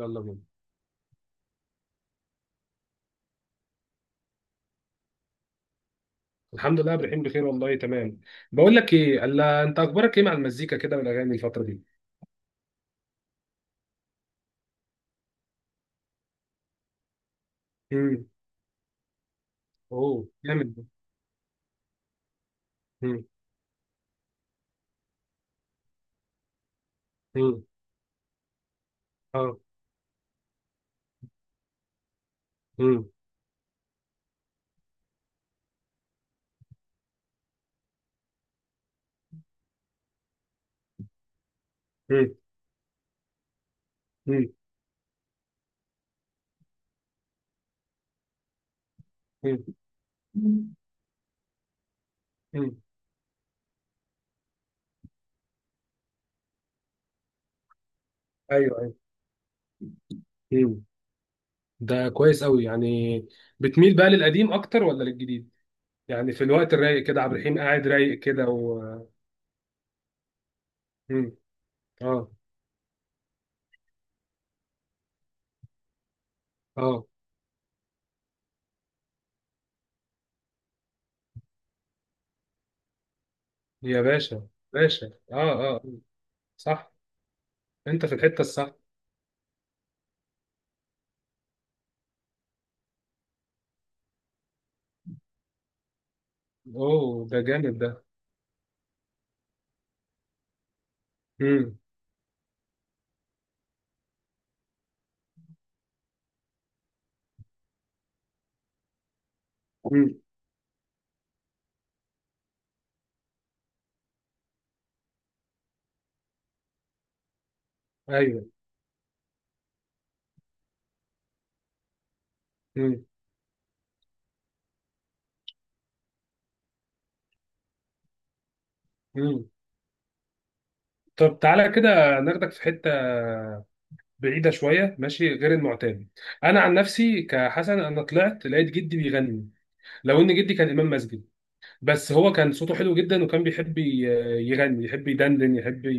يلا بينا. الحمد لله، رايحين بخير والله تمام. بقول لك ايه، الا انت اخبارك ايه مع المزيكا كده والاغاني الفتره دي؟ امم. اوه جامد ده. امم. امم. اه. امم. امم. امم. امم. امم. ايوه، ايوه. امم. ده كويس قوي يعني. بتميل بقى للقديم اكتر ولا للجديد؟ يعني في الوقت الرايق كده، عبد الرحيم قاعد رايق كده و. امم. اه، اه. يا باشا باشا. اه، اه، صح. انت في الحته الصح. اوه، ده جامد ده. امم. امم. ايوه. مم. مم. طب تعالى كده ناخدك في حته بعيده شويه، ماشي، غير المعتاد. انا عن نفسي كحسن، انا طلعت لقيت جدي بيغني. لو ان جدي كان امام مسجد، بس هو كان صوته حلو جدا وكان بيحب يغني، يحب يدندن، يحب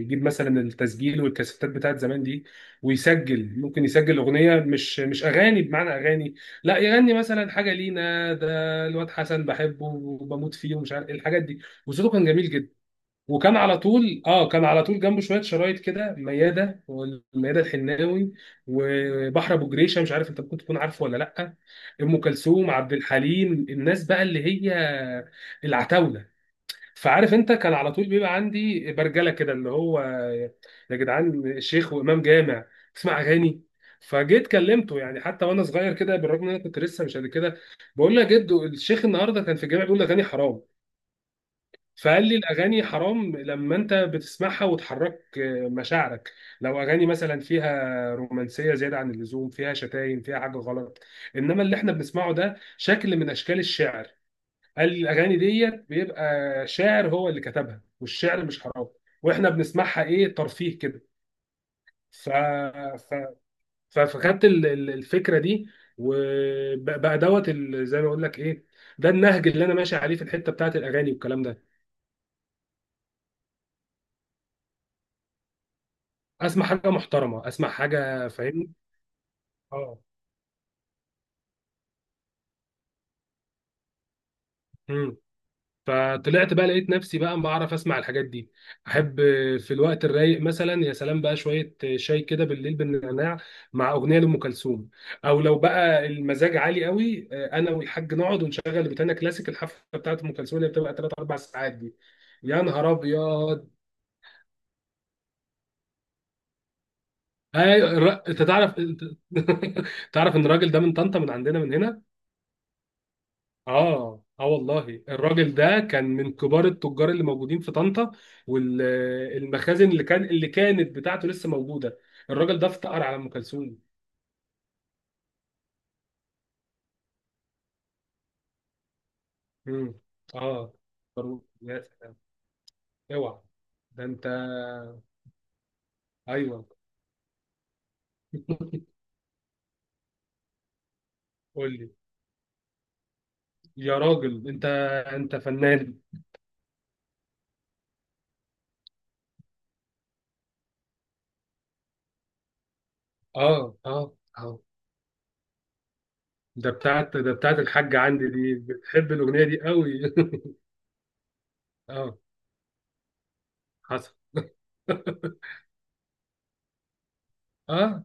يجيب مثلا التسجيل والكاسيتات بتاعت زمان دي. ويسجل، ممكن يسجل اغنيه، مش اغاني بمعنى اغاني. لا يغني مثلا حاجه لينا ده. الواد حسن بحبه وبموت فيه ومش عارف إيه، الحاجات دي. وصوته كان جميل جدا. وكان على طول كان على طول جنبه شويه شرايط كده، مياده والمياده الحناوي وبحر ابو جريشه. مش عارف انت ممكن تكون عارفه ولا لا. ام كلثوم، عبد الحليم، الناس بقى اللي هي العتاوله. فعارف انت، كان على طول بيبقى عندي برجله كده اللي هو، يا جدعان شيخ وامام جامع تسمع اغاني؟ فجيت كلمته، يعني حتى وانا صغير كده بالرغم ان انا كنت لسه مش قد كده. بقول له يا جدو، الشيخ النهارده كان في الجامع بيقول اغاني حرام. فقال لي الاغاني حرام لما انت بتسمعها وتحرك مشاعرك، لو اغاني مثلا فيها رومانسيه زياده عن اللزوم، فيها شتايم، فيها حاجه غلط. انما اللي احنا بنسمعه ده شكل من اشكال الشعر. قال لي الاغاني ديت بيبقى شاعر هو اللي كتبها، والشعر مش حرام، واحنا بنسمعها ايه، ترفيه كده. ف... ف... فخدت الفكره دي، وبقى دوت زي ما اقول لك ايه، ده النهج اللي انا ماشي عليه في الحته بتاعت الاغاني والكلام ده. اسمع حاجه محترمه، اسمع حاجه، فاهمني. اه. امم. فطلعت بقى لقيت نفسي بقى بعرف اسمع الحاجات دي. احب في الوقت الرايق مثلا، يا سلام بقى شويه شاي كده بالليل بالنعناع مع اغنيه لام كلثوم. او لو بقى المزاج عالي قوي، انا والحاج نقعد ونشغل بتاعنا كلاسيك، الحفله بتاعت ام كلثوم اللي بتبقى 3 4 ساعات دي. يا نهار ابيض. اي انت تعرف. تعرف ان الراجل ده من طنطا، من عندنا من هنا. اه، اه، والله الراجل ده كان من كبار التجار اللي موجودين في طنطا، والمخازن اللي كانت بتاعته لسه موجوده. الراجل ده افتقر على ام كلثوم. امم. اه. فاروق، يا سلام. اوعى، ده انت. ايوه، قول لي. يا راجل انت، انت فنان. اه، اه، اه. ده بتاعت الحاجه عندي دي، بتحب الاغنيه دي قوي. اه. حصل. اه.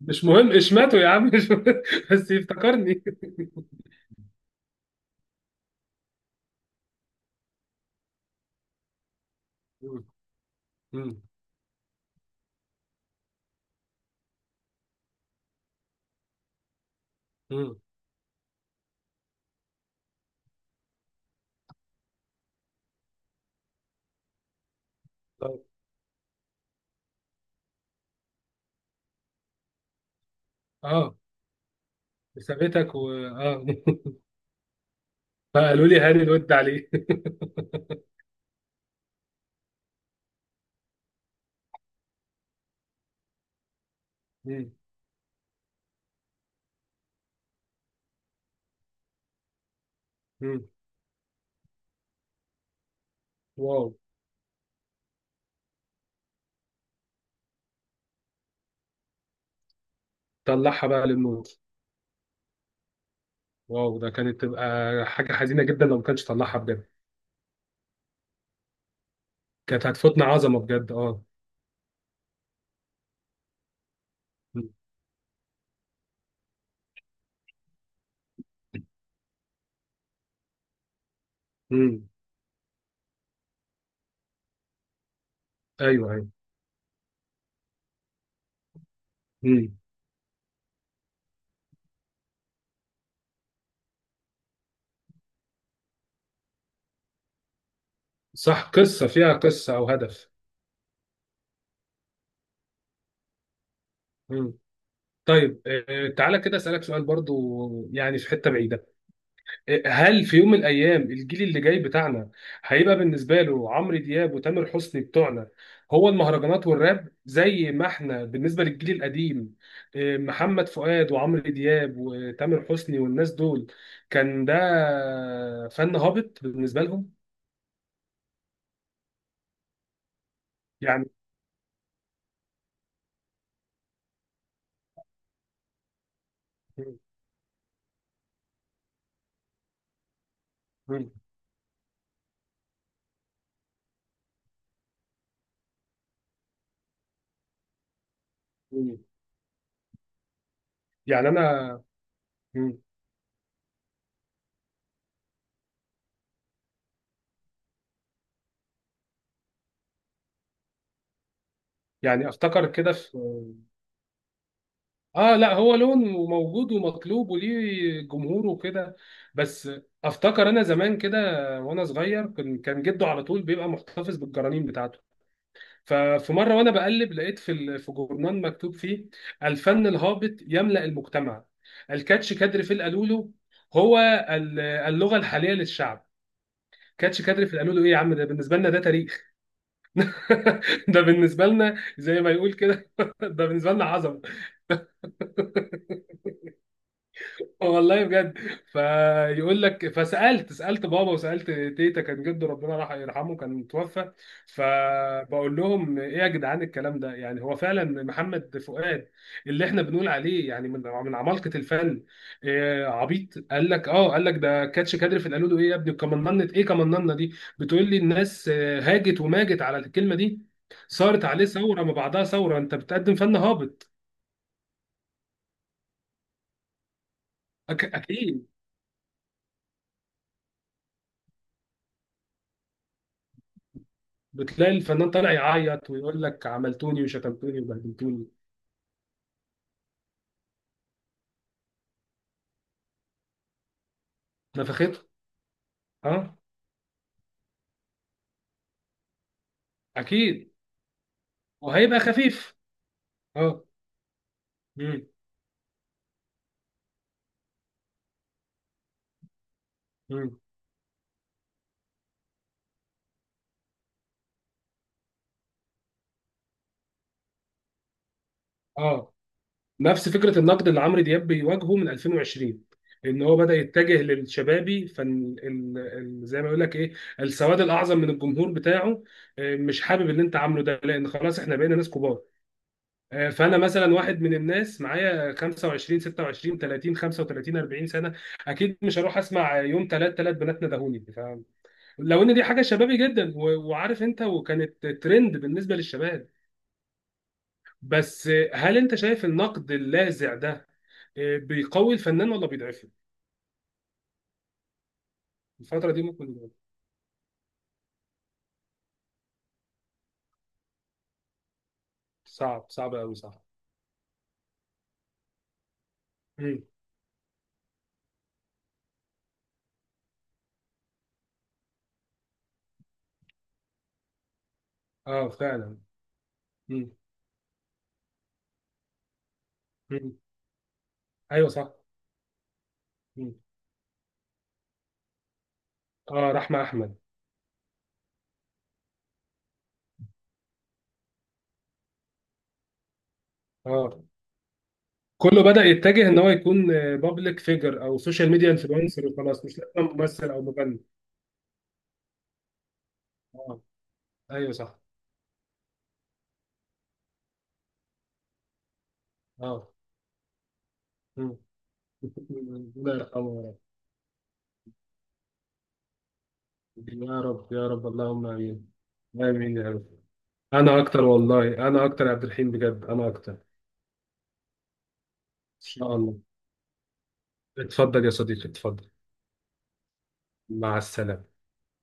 مش مهم اشمته يا عم، مش مهم. بس يفتكرني. مم. مم. مم. طيب. اه، سابتك و اه فقالوا لي هاني الود عليه. مم. مم. واو. طلعها بقى للنور. واو، ده كانت تبقى حاجة حزينة جدا لو ما كانش طلعها، بجد. كانت هتفوتنا عظمة، بجد. اه. مم. مم. ايوه، ايوه. مم. صح، قصة، فيها قصة او هدف. مم. طيب. تعالى كده اسألك سؤال برضو، يعني في حتة بعيدة. هل في يوم من الايام الجيل اللي جاي بتاعنا هيبقى بالنسبه له عمرو دياب وتامر حسني بتوعنا، هو المهرجانات والراب، زي ما احنا بالنسبه للجيل القديم، إيه، محمد فؤاد وعمرو دياب وتامر حسني والناس دول كان ده فن هابط بالنسبه لهم؟ يعني يعني انا يعني افتكر كده في. اه. لا، هو لون وموجود ومطلوب وليه جمهوره وكده. بس افتكر انا زمان كده وانا صغير، كان جده على طول بيبقى محتفظ بالجرانين بتاعته. ففي مره وانا بقلب، لقيت في في جورنال مكتوب فيه: الفن الهابط يملأ المجتمع، الكاتش كادر في القالولو هو اللغه الحاليه للشعب. كاتش كادر في القالولو، ايه يا عم؟ ده بالنسبه لنا ده تاريخ. ده بالنسبه لنا زي ما يقول كده، ده بالنسبه لنا عظمه. والله بجد. فيقول لك، سالت بابا وسالت تيتا. كان جده، ربنا راح يرحمه، كان توفى. فبقول لهم ايه يا جدعان، الكلام ده يعني؟ هو فعلا محمد فؤاد اللي احنا بنقول عليه يعني من عمالقه الفن، إيه، عبيط؟ قال لك اه، قال لك ده كاتش كادر في القالوا له ايه يا ابني، كمننت ايه، كمننه دي؟ بتقول لي الناس، هاجت وماجت على الكلمه دي. صارت عليه ثوره ما بعدها ثوره، انت بتقدم فن هابط. اكيد. بتلاقي الفنان طالع يعيط ويقول لك عملتوني وشتمتوني وبهدلتوني، نفختها. اه. اكيد. وهيبقى خفيف. اه. مم. مم. اه. نفس فكره النقد اللي عمرو دياب بيواجهه من 2020، ان هو بدا يتجه للشبابي، فن زي ما يقول لك ايه، السواد الاعظم من الجمهور بتاعه، مش حابب اللي انت عامله ده، لان خلاص احنا بقينا ناس كبار. فانا مثلا واحد من الناس معايا 25 26 30 35 40 سنه، اكيد مش هروح اسمع يوم ثلاث بنات ندهوني لو ان دي حاجه شبابي جدا و... وعارف انت، وكانت ترند بالنسبه للشباب. بس هل انت شايف النقد اللاذع ده بيقوي الفنان ولا بيضعفه؟ الفتره دي ممكن. صعب، صعب قوي، صعب. مم. اه، فعلا. مم. مم. ايوه، صح. مم. اه، رحمه احمد. اه. كله بدأ يتجه ان هو يكون بابليك فيجر او سوشيال ميديا انفلونسر، وخلاص مش لازم ممثل او مغني. اه. ايوه، صح. اه. مم. ربنا يرحمه. يا رب، يا رب، يا رب، اللهم امين. امين يا رب. انا اكتر، والله انا اكتر يا عبد الرحيم، بجد انا اكتر، ان شاء الله. اتفضل يا صديقي، اتفضل. مع السلامة.